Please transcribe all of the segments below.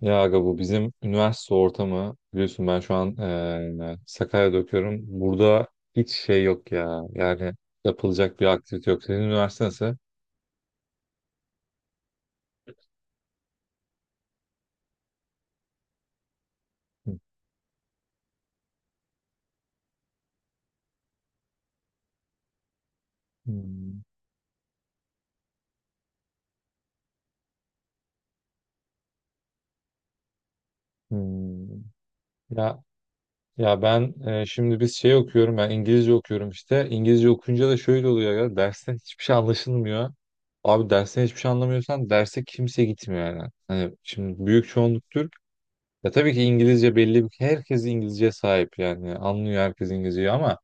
Ya aga, bu bizim üniversite ortamı biliyorsun, ben şu an Sakarya'da okuyorum. Burada hiç şey yok ya. Yani yapılacak bir aktivite yok. Senin üniversite nasıl? Hmm, hmm. Ya ya ben şimdi biz şey okuyorum. Ben İngilizce okuyorum işte. İngilizce okuyunca da şöyle oluyor ya. Dersten hiçbir şey anlaşılmıyor. Abi dersten hiçbir şey anlamıyorsan derse kimse gitmiyor yani. Hani şimdi büyük çoğunluk Türk. Ya tabii ki İngilizce belli bir herkes İngilizce sahip yani anlıyor herkes İngilizceyi, ama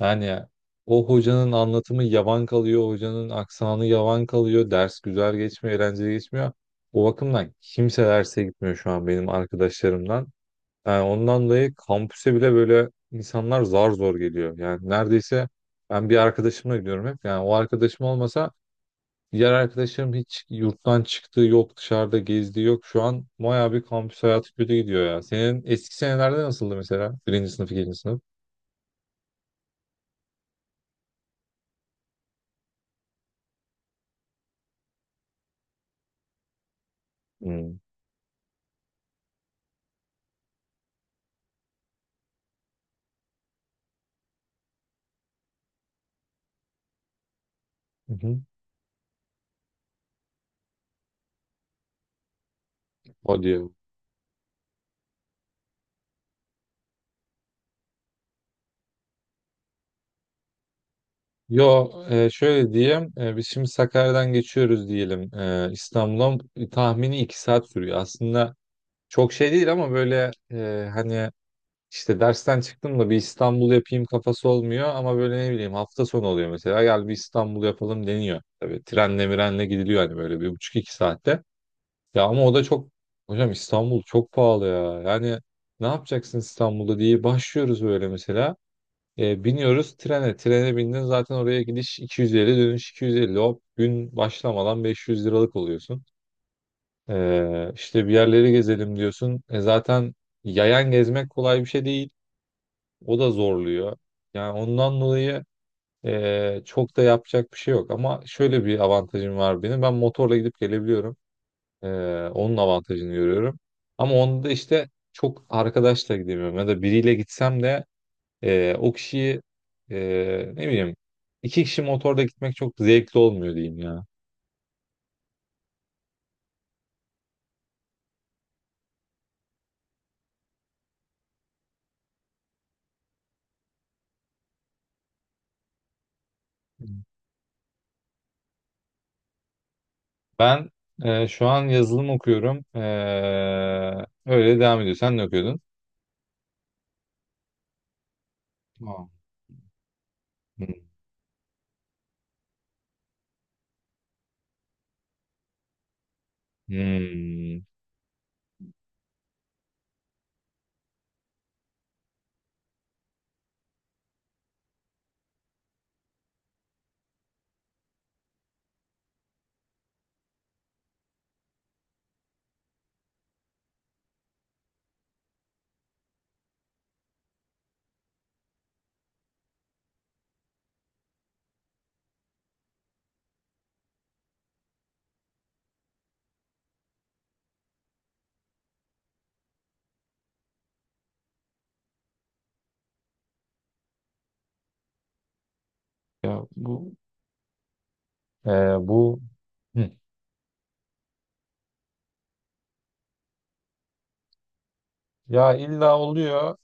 yani o hocanın anlatımı yavan kalıyor, hocanın aksanı yavan kalıyor, ders güzel geçmiyor, eğlenceli geçmiyor. O bakımdan kimse derse gitmiyor şu an benim arkadaşlarımdan. Yani ondan dolayı kampüse bile böyle insanlar zar zor geliyor. Yani neredeyse ben bir arkadaşımla gidiyorum hep. Yani o arkadaşım olmasa diğer arkadaşlarım hiç yurttan çıktığı yok, dışarıda gezdiği yok. Şu an bayağı bir kampüs hayatı kötü gidiyor ya. Senin eski senelerde nasıldı mesela? Birinci sınıf, ikinci sınıf. Hmm. Hı hı. Hadi ya. Yo, şöyle diyeyim. Biz şimdi Sakarya'dan geçiyoruz diyelim, İstanbul'a. Tahmini 2 saat sürüyor. Aslında çok şey değil, ama böyle, hani işte dersten çıktım da bir İstanbul yapayım kafası olmuyor. Ama böyle ne bileyim hafta sonu oluyor mesela. Gel bir İstanbul yapalım deniyor. Tabii trenle mirenle gidiliyor hani böyle bir buçuk iki saatte. Ya ama o da çok, hocam İstanbul çok pahalı ya. Yani ne yapacaksın İstanbul'da diye başlıyoruz böyle mesela. Biniyoruz trene. Trene bindin zaten, oraya gidiş 250 dönüş 250. Hop gün başlamadan 500 liralık oluyorsun. İşte bir yerleri gezelim diyorsun. Zaten yayan gezmek kolay bir şey değil. O da zorluyor. Yani ondan dolayı, çok da yapacak bir şey yok. Ama şöyle bir avantajım var benim. Ben motorla gidip gelebiliyorum. E, Onun avantajını görüyorum. Ama onda da işte çok arkadaşla gidemiyorum. Ya da biriyle gitsem de, o kişiyi, e, ne bileyim, 2 kişi motorda gitmek çok zevkli olmuyor diyeyim ya. Ben şu an yazılım okuyorum. Öyle devam ediyor. Sen ne okuyordun? Aa. Hmm. Hmm. Ya bu, e, bu... Hı. Ya illa oluyor.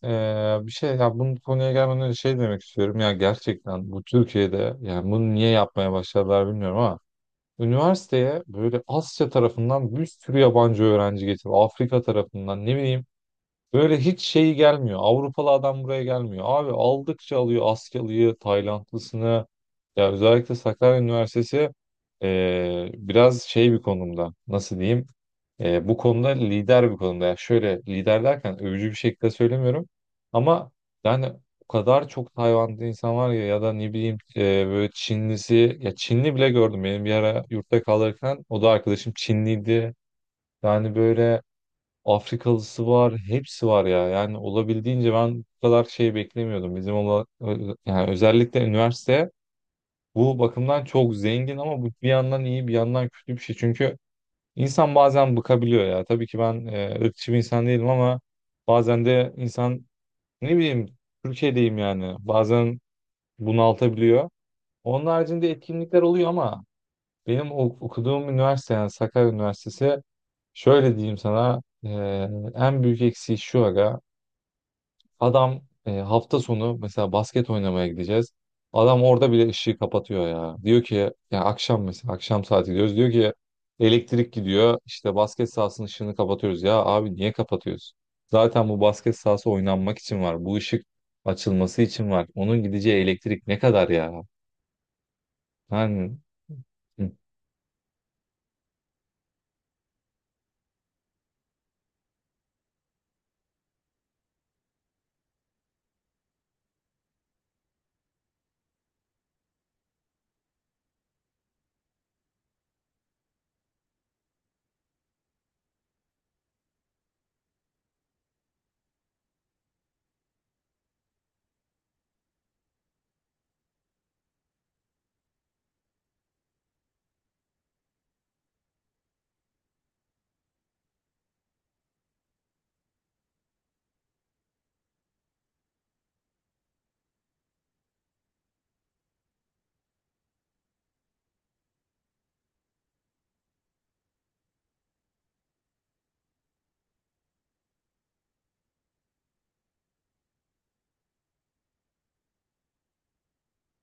Bir şey ya, bunun konuya gelmeden önce şey demek istiyorum ya, gerçekten bu Türkiye'de, yani bunu niye yapmaya başladılar bilmiyorum ama... Üniversiteye böyle Asya tarafından bir sürü yabancı öğrenci getiriyor. Afrika tarafından, ne bileyim. Böyle hiç şey gelmiyor. Avrupalı adam buraya gelmiyor. Abi aldıkça alıyor Asyalı'yı, Taylandlısını. Ya özellikle Sakarya Üniversitesi biraz şey bir konumda. Nasıl diyeyim? Bu konuda lider bir konuda. Yani şöyle lider derken övücü bir şekilde söylemiyorum. Ama yani o kadar çok Tayvan'da insan var ya, ya da ne bileyim, böyle Çinlisi, ya Çinli bile gördüm. Benim bir ara yurtta kalırken o da arkadaşım Çinliydi. Yani böyle Afrikalısı var, hepsi var ya. Yani olabildiğince ben bu kadar şey beklemiyordum. Yani özellikle üniversite bu bakımdan çok zengin, ama bu bir yandan iyi bir yandan kötü bir şey. Çünkü İnsan bazen bıkabiliyor ya. Tabii ki ben ırkçı bir insan değilim, ama bazen de insan, ne bileyim, Türkiye'deyim yani. Bazen bunaltabiliyor. Onun haricinde etkinlikler oluyor, ama benim okuduğum üniversite, yani Sakarya Üniversitesi, şöyle diyeyim sana, en büyük eksiği şu aga. Adam, hafta sonu mesela basket oynamaya gideceğiz. Adam orada bile ışığı kapatıyor ya. Diyor ki yani akşam, mesela akşam saati diyoruz. Diyor ki elektrik gidiyor. İşte basket sahasının ışığını kapatıyoruz. Ya abi niye kapatıyoruz? Zaten bu basket sahası oynanmak için var. Bu ışık açılması için var. Onun gideceği elektrik ne kadar ya? Yani... hı,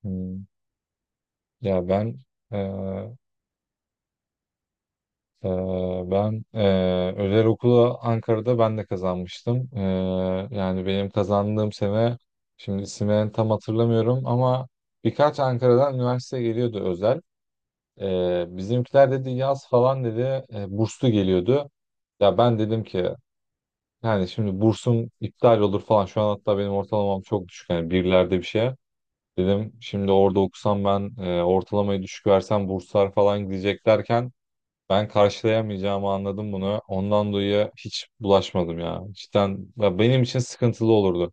hı. ya ben Ee, Ben özel okulu Ankara'da ben de kazanmıştım. Yani benim kazandığım sene, şimdi isimlerini tam hatırlamıyorum ama, birkaç Ankara'dan üniversite geliyordu özel. Bizimkiler dedi yaz falan dedi, burslu geliyordu. Ya ben dedim ki yani şimdi bursum iptal olur falan. Şu an hatta benim ortalamam çok düşük. Yani birlerde bir şey. Dedim şimdi orada okusam ben, ortalamayı düşük versem burslar falan gidecek derken ben karşılayamayacağımı anladım bunu. Ondan dolayı hiç bulaşmadım ya. Cidden ya benim için sıkıntılı olurdu.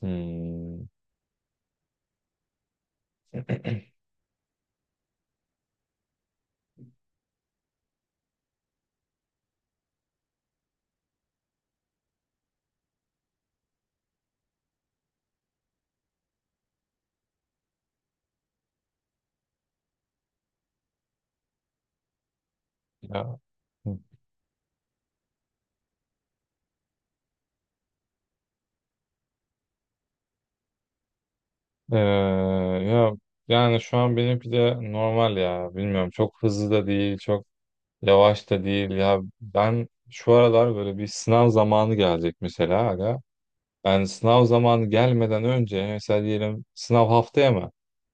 Hmm, ya. Ya yani şu an benimki de normal ya. Bilmiyorum, çok hızlı da değil, çok yavaş da değil. Ya ben şu aralar böyle bir sınav zamanı gelecek mesela. Yani sınav zamanı gelmeden önce mesela diyelim, sınav haftaya mı?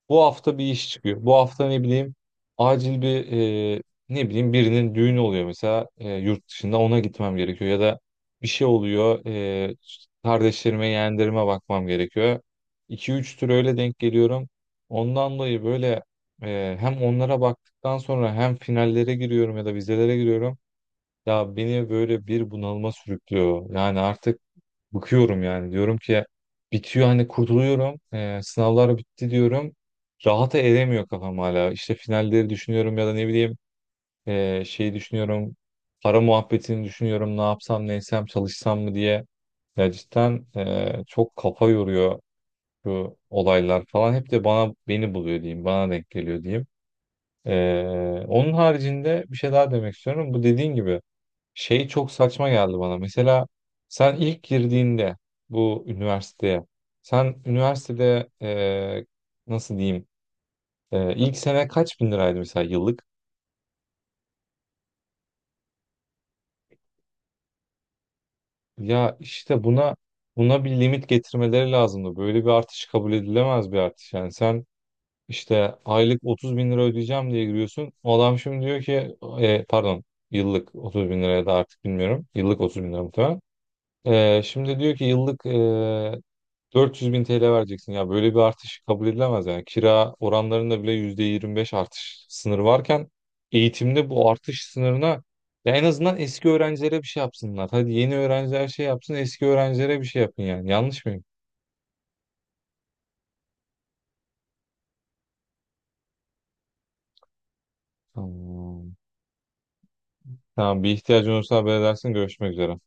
Bu hafta bir iş çıkıyor. Bu hafta ne bileyim, acil bir, e, ne bileyim, birinin düğünü oluyor mesela, yurt dışında, ona gitmem gerekiyor; ya da bir şey oluyor, kardeşlerime yeğenlerime bakmam gerekiyor. 2 üç tür öyle denk geliyorum. Ondan dolayı böyle, hem onlara baktıktan sonra hem finallere giriyorum ya da vizelere giriyorum. Ya beni böyle bir bunalıma sürüklüyor. Yani artık bıkıyorum yani. Diyorum ki bitiyor hani, kurtuluyorum. Sınavlar bitti diyorum. Rahata eremiyor kafam hala. İşte finalleri düşünüyorum, ya da ne bileyim, şeyi düşünüyorum. Para muhabbetini düşünüyorum. Ne yapsam, ne etsem, çalışsam mı diye. Ya cidden, çok kafa yoruyor bu olaylar falan. Hep de bana, beni buluyor diyeyim. Bana denk geliyor diyeyim. Onun haricinde bir şey daha demek istiyorum. Bu dediğin gibi şey çok saçma geldi bana. Mesela sen ilk girdiğinde bu üniversiteye, sen üniversitede, nasıl diyeyim, ilk sene kaç bin liraydı mesela yıllık? Ya işte buna bir limit getirmeleri lazımdı. Böyle bir artış kabul edilemez bir artış. Yani sen işte aylık 30 bin lira ödeyeceğim diye giriyorsun. O adam şimdi diyor ki, pardon, yıllık 30 bin liraya da artık bilmiyorum. Yıllık 30 bin lira muhtemelen. Şimdi diyor ki yıllık 400 bin TL vereceksin ya, böyle bir artış kabul edilemez. Yani kira oranlarında bile %25 artış sınırı varken eğitimde bu artış sınırına, ya en azından eski öğrencilere bir şey yapsınlar. Hadi yeni öğrenciler şey yapsın, eski öğrencilere bir şey yapın, yani yanlış mıyım? Tamam. Tamam, bir ihtiyacın olursa haber edersin. Görüşmek üzere.